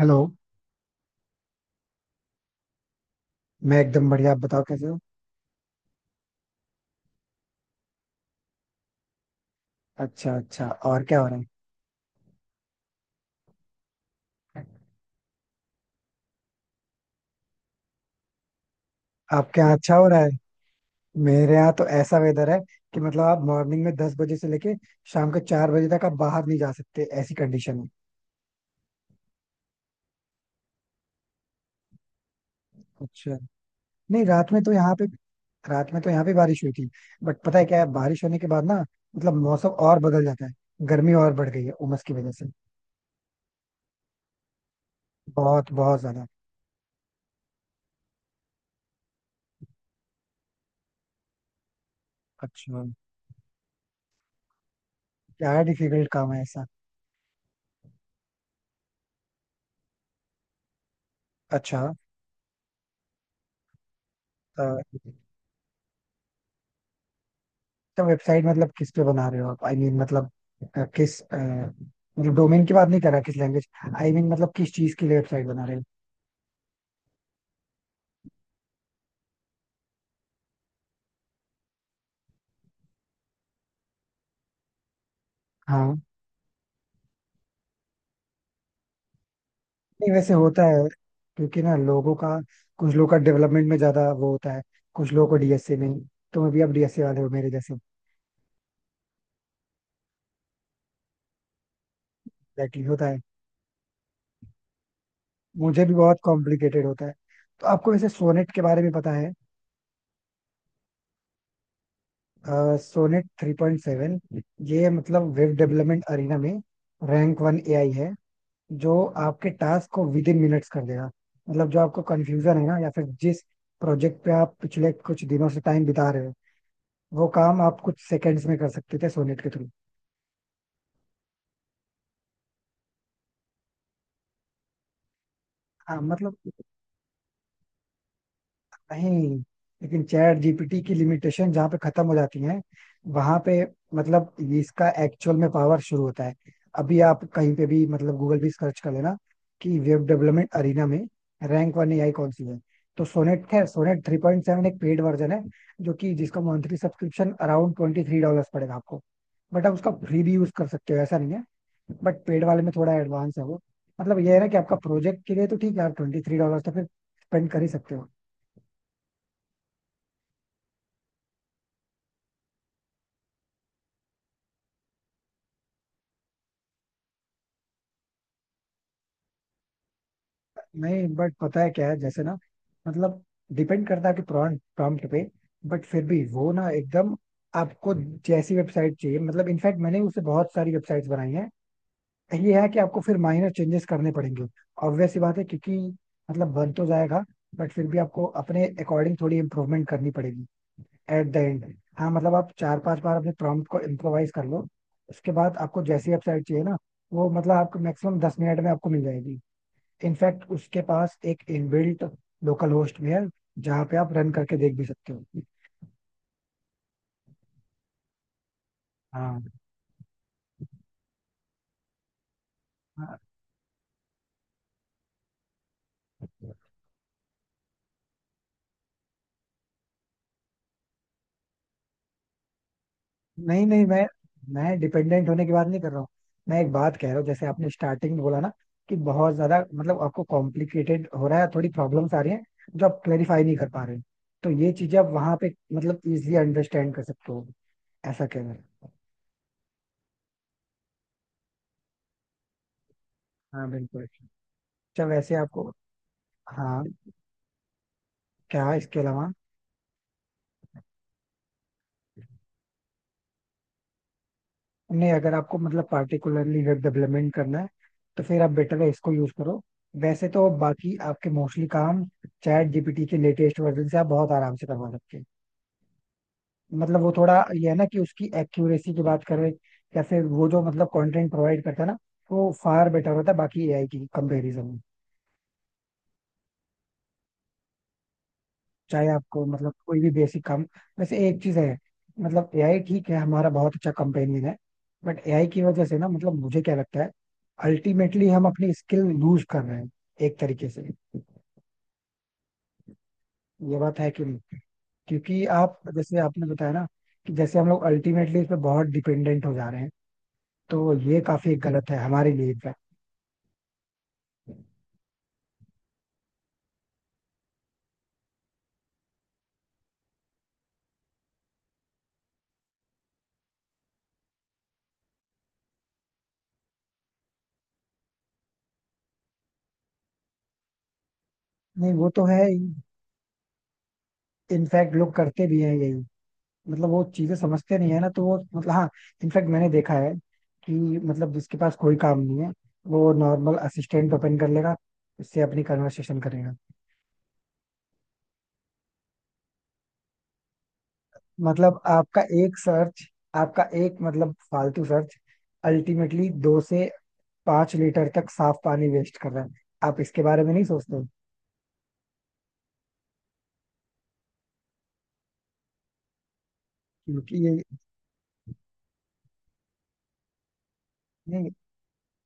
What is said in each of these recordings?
Hello. मैं एकदम बढ़िया, आप बताओ कैसे हो। अच्छा अच्छा, और क्या हो रहा है। आपके यहाँ अच्छा हो रहा है। मेरे यहाँ तो ऐसा वेदर है कि मतलब आप मॉर्निंग में 10 बजे से लेके शाम के 4 बजे तक आप बाहर नहीं जा सकते, ऐसी कंडीशन है। अच्छा। नहीं, रात में तो यहाँ पे बारिश हुई थी। बट पता है क्या है, बारिश होने के बाद ना मतलब मौसम और बदल जाता है। गर्मी और बढ़ गई है उमस की वजह से। बहुत बहुत ज्यादा। अच्छा, क्या डिफिकल्ट काम है ऐसा। अच्छा। तो वेबसाइट मतलब किस पे बना रहे हो आप? आई I मीन mean, मतलब अ, किस अ, मतलब डोमेन की बात नहीं कर रहा, किस लैंग्वेज, मतलब किस चीज के लिए वेबसाइट बना रहे हो? हाँ। नहीं वैसे होता है। क्योंकि ना लोगों का, कुछ लोगों का डेवलपमेंट में ज्यादा वो होता है, कुछ लोगों को डीएसए में। तुम्हें भी, आप डीएसए वाले हो मेरे जैसे? एग्जैक्टली होता है। मुझे भी बहुत कॉम्प्लिकेटेड होता है। तो आपको वैसे सोनेट के बारे में पता है? सोनेट 3.7। ये मतलब वेब डेवलपमेंट अरीना में रैंक 1 एआई है। जो आपके टास्क को विद इन मिनट्स कर देगा। मतलब जो आपको कंफ्यूजन है ना, या फिर जिस प्रोजेक्ट पे आप पिछले कुछ दिनों से टाइम बिता रहे हो, वो काम आप कुछ सेकंड्स में कर सकते थे सोनेट के थ्रू। हाँ मतलब नहीं, लेकिन चैट जीपीटी की लिमिटेशन जहाँ पे खत्म हो जाती है, वहां पे मतलब ये, इसका एक्चुअल में पावर शुरू होता है। अभी आप कहीं पे भी मतलब गूगल भी सर्च कर लेना कि वेब डेवलपमेंट अरीना में रैंक वन एआई कौन सी है, तो सोनेट है। सोनेट थ्री पॉइंट सेवन एक पेड वर्जन है, जो कि जिसका मंथली सब्सक्रिप्शन अराउंड $23 पड़ेगा आपको। बट आप उसका फ्री भी यूज कर सकते हो, ऐसा नहीं है। बट पेड वाले में थोड़ा एडवांस है वो। मतलब ये है ना कि आपका प्रोजेक्ट के लिए तो ठीक है, आप $23 तो फिर स्पेंड कर ही सकते हो। नहीं बट पता है क्या है, जैसे ना मतलब डिपेंड करता है कि प्रॉम्प्ट प्रॉम्प्ट पे। बट फिर भी वो ना एकदम आपको जैसी वेबसाइट चाहिए, मतलब इनफैक्ट मैंने उससे बहुत सारी वेबसाइट्स बनाई हैं। ये है कि आपको फिर माइनर चेंजेस करने पड़ेंगे, ऑब्वियस सी बात है, क्योंकि मतलब बन तो जाएगा, बट फिर भी आपको अपने अकॉर्डिंग थोड़ी इम्प्रूवमेंट करनी पड़ेगी एट द एंड। हाँ मतलब आप 4-5 बार अपने प्रॉम्प्ट को इम्प्रोवाइज कर लो, उसके बाद आपको जैसी वेबसाइट चाहिए ना, वो मतलब आपको मैक्सिमम 10 मिनट में आपको मिल जाएगी। इनफैक्ट उसके पास एक इनबिल्ट लोकल होस्ट भी है, जहाँ पे आप रन करके देख भी सकते हो। हाँ। हाँ, नहीं नहीं, मैं डिपेंडेंट होने की बात नहीं कर रहा हूँ। मैं एक बात कह रहा हूँ, जैसे आपने स्टार्टिंग में बोला ना, कि बहुत ज्यादा मतलब आपको कॉम्प्लिकेटेड हो रहा है, थोड़ी प्रॉब्लम्स आ रही हैं जो आप क्लेरिफाई नहीं कर पा रहे हो। तो ये चीजें आप वहां पे मतलब इजिली अंडरस्टैंड कर सकते हो, ऐसा कहना है। हाँ बिल्कुल। अच्छा वैसे आपको, हाँ, क्या इसके अलावा, नहीं अगर आपको मतलब पार्टिकुलरली वेब डेवलपमेंट करना है, तो फिर आप बेटर है इसको यूज करो। वैसे तो बाकी आपके मोस्टली काम चैट जीपीटी के लेटेस्ट वर्जन से आप बहुत आराम से करवा सकते हैं। मतलब वो थोड़ा ये है ना कि उसकी एक्यूरेसी की बात करें, या फिर वो जो मतलब कंटेंट प्रोवाइड करता है ना, वो फार बेटर होता है बाकी एआई की कंपेरिजन। चाहे आपको मतलब कोई भी बेसिक काम, वैसे एक चीज है, मतलब एआई ठीक है, हमारा बहुत अच्छा कंपेनियन है, बट एआई की वजह से ना मतलब मुझे क्या लगता है अल्टीमेटली हम अपनी स्किल लूज कर रहे हैं एक तरीके से। ये बात है कि नहीं? क्योंकि आप जैसे आपने बताया ना, कि जैसे हम लोग अल्टीमेटली इस पे बहुत डिपेंडेंट हो जा रहे हैं, तो ये काफी गलत है हमारे लिए इनफैक्ट। नहीं वो तो है, इनफैक्ट लोग करते भी हैं यही। मतलब वो चीजें समझते नहीं है ना, तो वो मतलब हाँ इनफैक्ट मैंने देखा है कि मतलब जिसके पास कोई काम नहीं है, वो नॉर्मल असिस्टेंट ओपन कर लेगा, उससे अपनी कन्वर्सेशन करेगा। मतलब आपका एक सर्च, आपका एक मतलब फालतू सर्च अल्टीमेटली 2 से 5 लीटर तक साफ पानी वेस्ट कर रहा है, आप इसके बारे में नहीं सोचते। क्योंकि ये, नहीं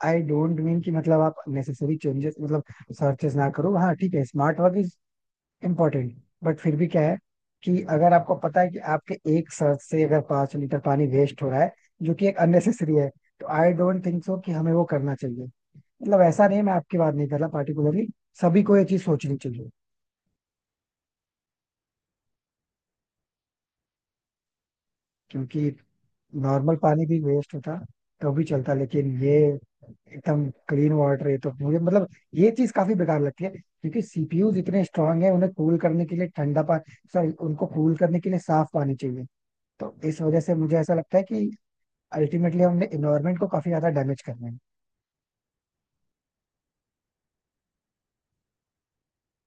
आई डोंट मीन कि मतलब आप नेसेसरी चेंजेस मतलब सर्चेस ना करो, हाँ ठीक है, स्मार्ट वर्क इम्पोर्टेंट, बट फिर भी क्या है कि अगर आपको पता है कि आपके एक सांस से अगर 5 लीटर पानी वेस्ट हो रहा है, जो कि एक अननेसेसरी है, तो आई डोंट थिंक सो कि हमें वो करना चाहिए। मतलब ऐसा नहीं, मैं आपकी बात नहीं कर रहा पार्टिकुलरली, सभी को ये चीज सोचनी चाहिए। क्योंकि नॉर्मल पानी भी वेस्ट होता तो भी चलता, लेकिन ये एकदम क्लीन वाटर है, तो मुझे मतलब ये चीज काफी बेकार लगती है, क्योंकि सीपीयू इतने स्ट्रांग है, उन्हें कूल करने के लिए ठंडा पानी, सॉरी उनको कूल करने के लिए साफ पानी चाहिए। तो इस वजह से मुझे ऐसा लगता है कि अल्टीमेटली हमने इन्वायरमेंट को काफी ज्यादा डैमेज करना है।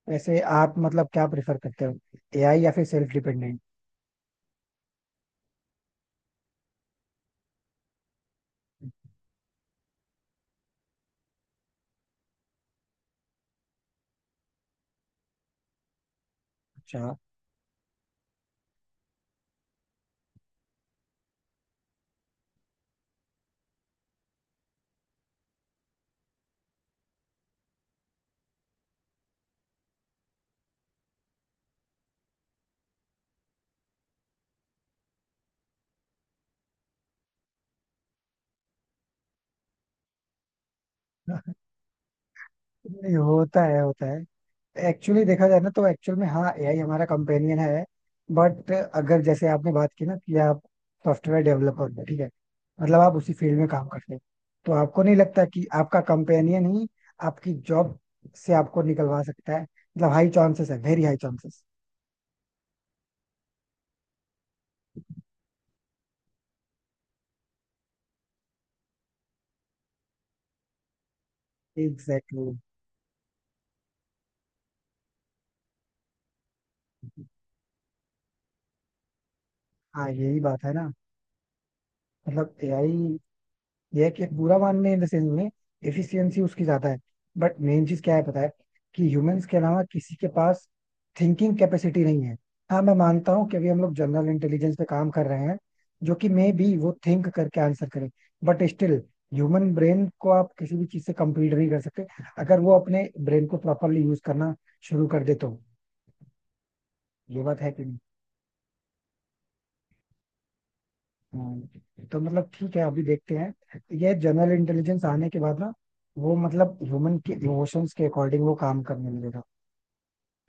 वैसे आप मतलब क्या प्रेफर करते हो, एआई या फिर सेल्फ डिपेंडेंट? अच्छा। नहीं होता है होता है। एक्चुअली देखा जाए ना, तो एक्चुअल में हाँ एआई हमारा कंपेनियन है, बट अगर जैसे आपने बात की ना कि आप सॉफ्टवेयर डेवलपर हो ठीक है, मतलब आप उसी फील्ड में काम करते हैं, तो आपको नहीं लगता कि आपका कंपेनियन ही आपकी जॉब से आपको निकलवा सकता है? मतलब हाई चांसेस है, वेरी हाई चांसेस। एग्जैक्टली। हाँ यही बात है ना, मतलब एआई, यह है कि एक बुरा मानने इन द सेंस में एफिशिएंसी उसकी ज्यादा है, बट मेन चीज क्या है पता है, कि ह्यूमंस के अलावा किसी के पास थिंकिंग कैपेसिटी नहीं है। हाँ मैं मानता हूँ कि अभी हम लोग जनरल इंटेलिजेंस पे काम कर रहे हैं, जो कि मे बी वो थिंक करके आंसर करे, बट स्टिल ह्यूमन ब्रेन को आप किसी भी चीज से कंपीट नहीं कर सकते, अगर वो अपने ब्रेन को प्रॉपरली यूज करना शुरू कर दे तो। ये बात है कि हाँ, तो मतलब ठीक है, अभी देखते हैं, ये जनरल इंटेलिजेंस आने के बाद ना वो मतलब ह्यूमन के इमोशंस के अकॉर्डिंग वो काम करने लगेगा,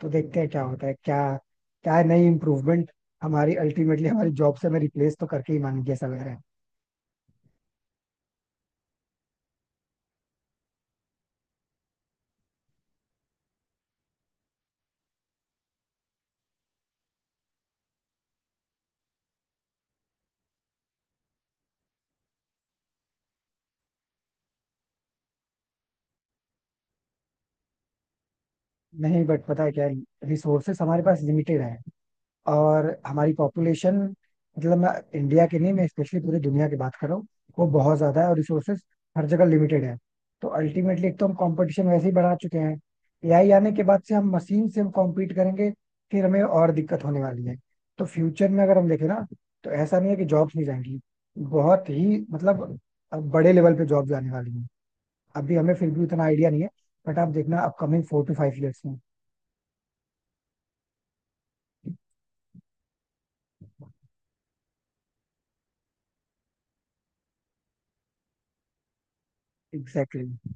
तो देखते हैं क्या होता है, क्या क्या नई इम्प्रूवमेंट। हमारी अल्टीमेटली हमारी जॉब से हमें रिप्लेस तो करके ही मानेंगे, ऐसा लग रहा है। नहीं बट पता है क्या, रिसोर्सेस हमारे पास लिमिटेड है, और हमारी पॉपुलेशन, मतलब मैं इंडिया की नहीं, मैं स्पेशली पूरी दुनिया की बात कर रहा हूँ, वो बहुत ज्यादा है, और रिसोर्सेज हर जगह लिमिटेड है। तो अल्टीमेटली एक तो हम कंपटीशन वैसे ही बढ़ा चुके हैं, एआई आने के बाद से हम मशीन से हम कॉम्पीट करेंगे, फिर हमें और दिक्कत होने वाली है। तो फ्यूचर में अगर हम देखें ना, तो ऐसा नहीं है कि जॉब्स नहीं जाएंगी, बहुत ही मतलब बड़े लेवल पे जॉब जाने वाली है। अभी हमें फिर भी उतना आइडिया नहीं है, बट आप देखना अपकमिंग 4 to 5 ईयर्स में। Exactly exactly.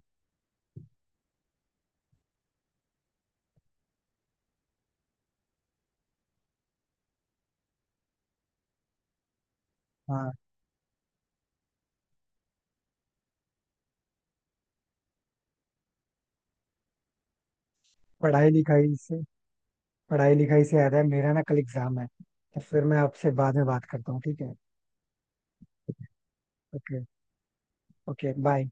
हाँ। पढ़ाई लिखाई से पढ़ाई लिखाई से याद है, मेरा ना कल एग्जाम है, तो फिर मैं आपसे बाद में बात करता हूँ, ठीक है? ओके। Okay bye.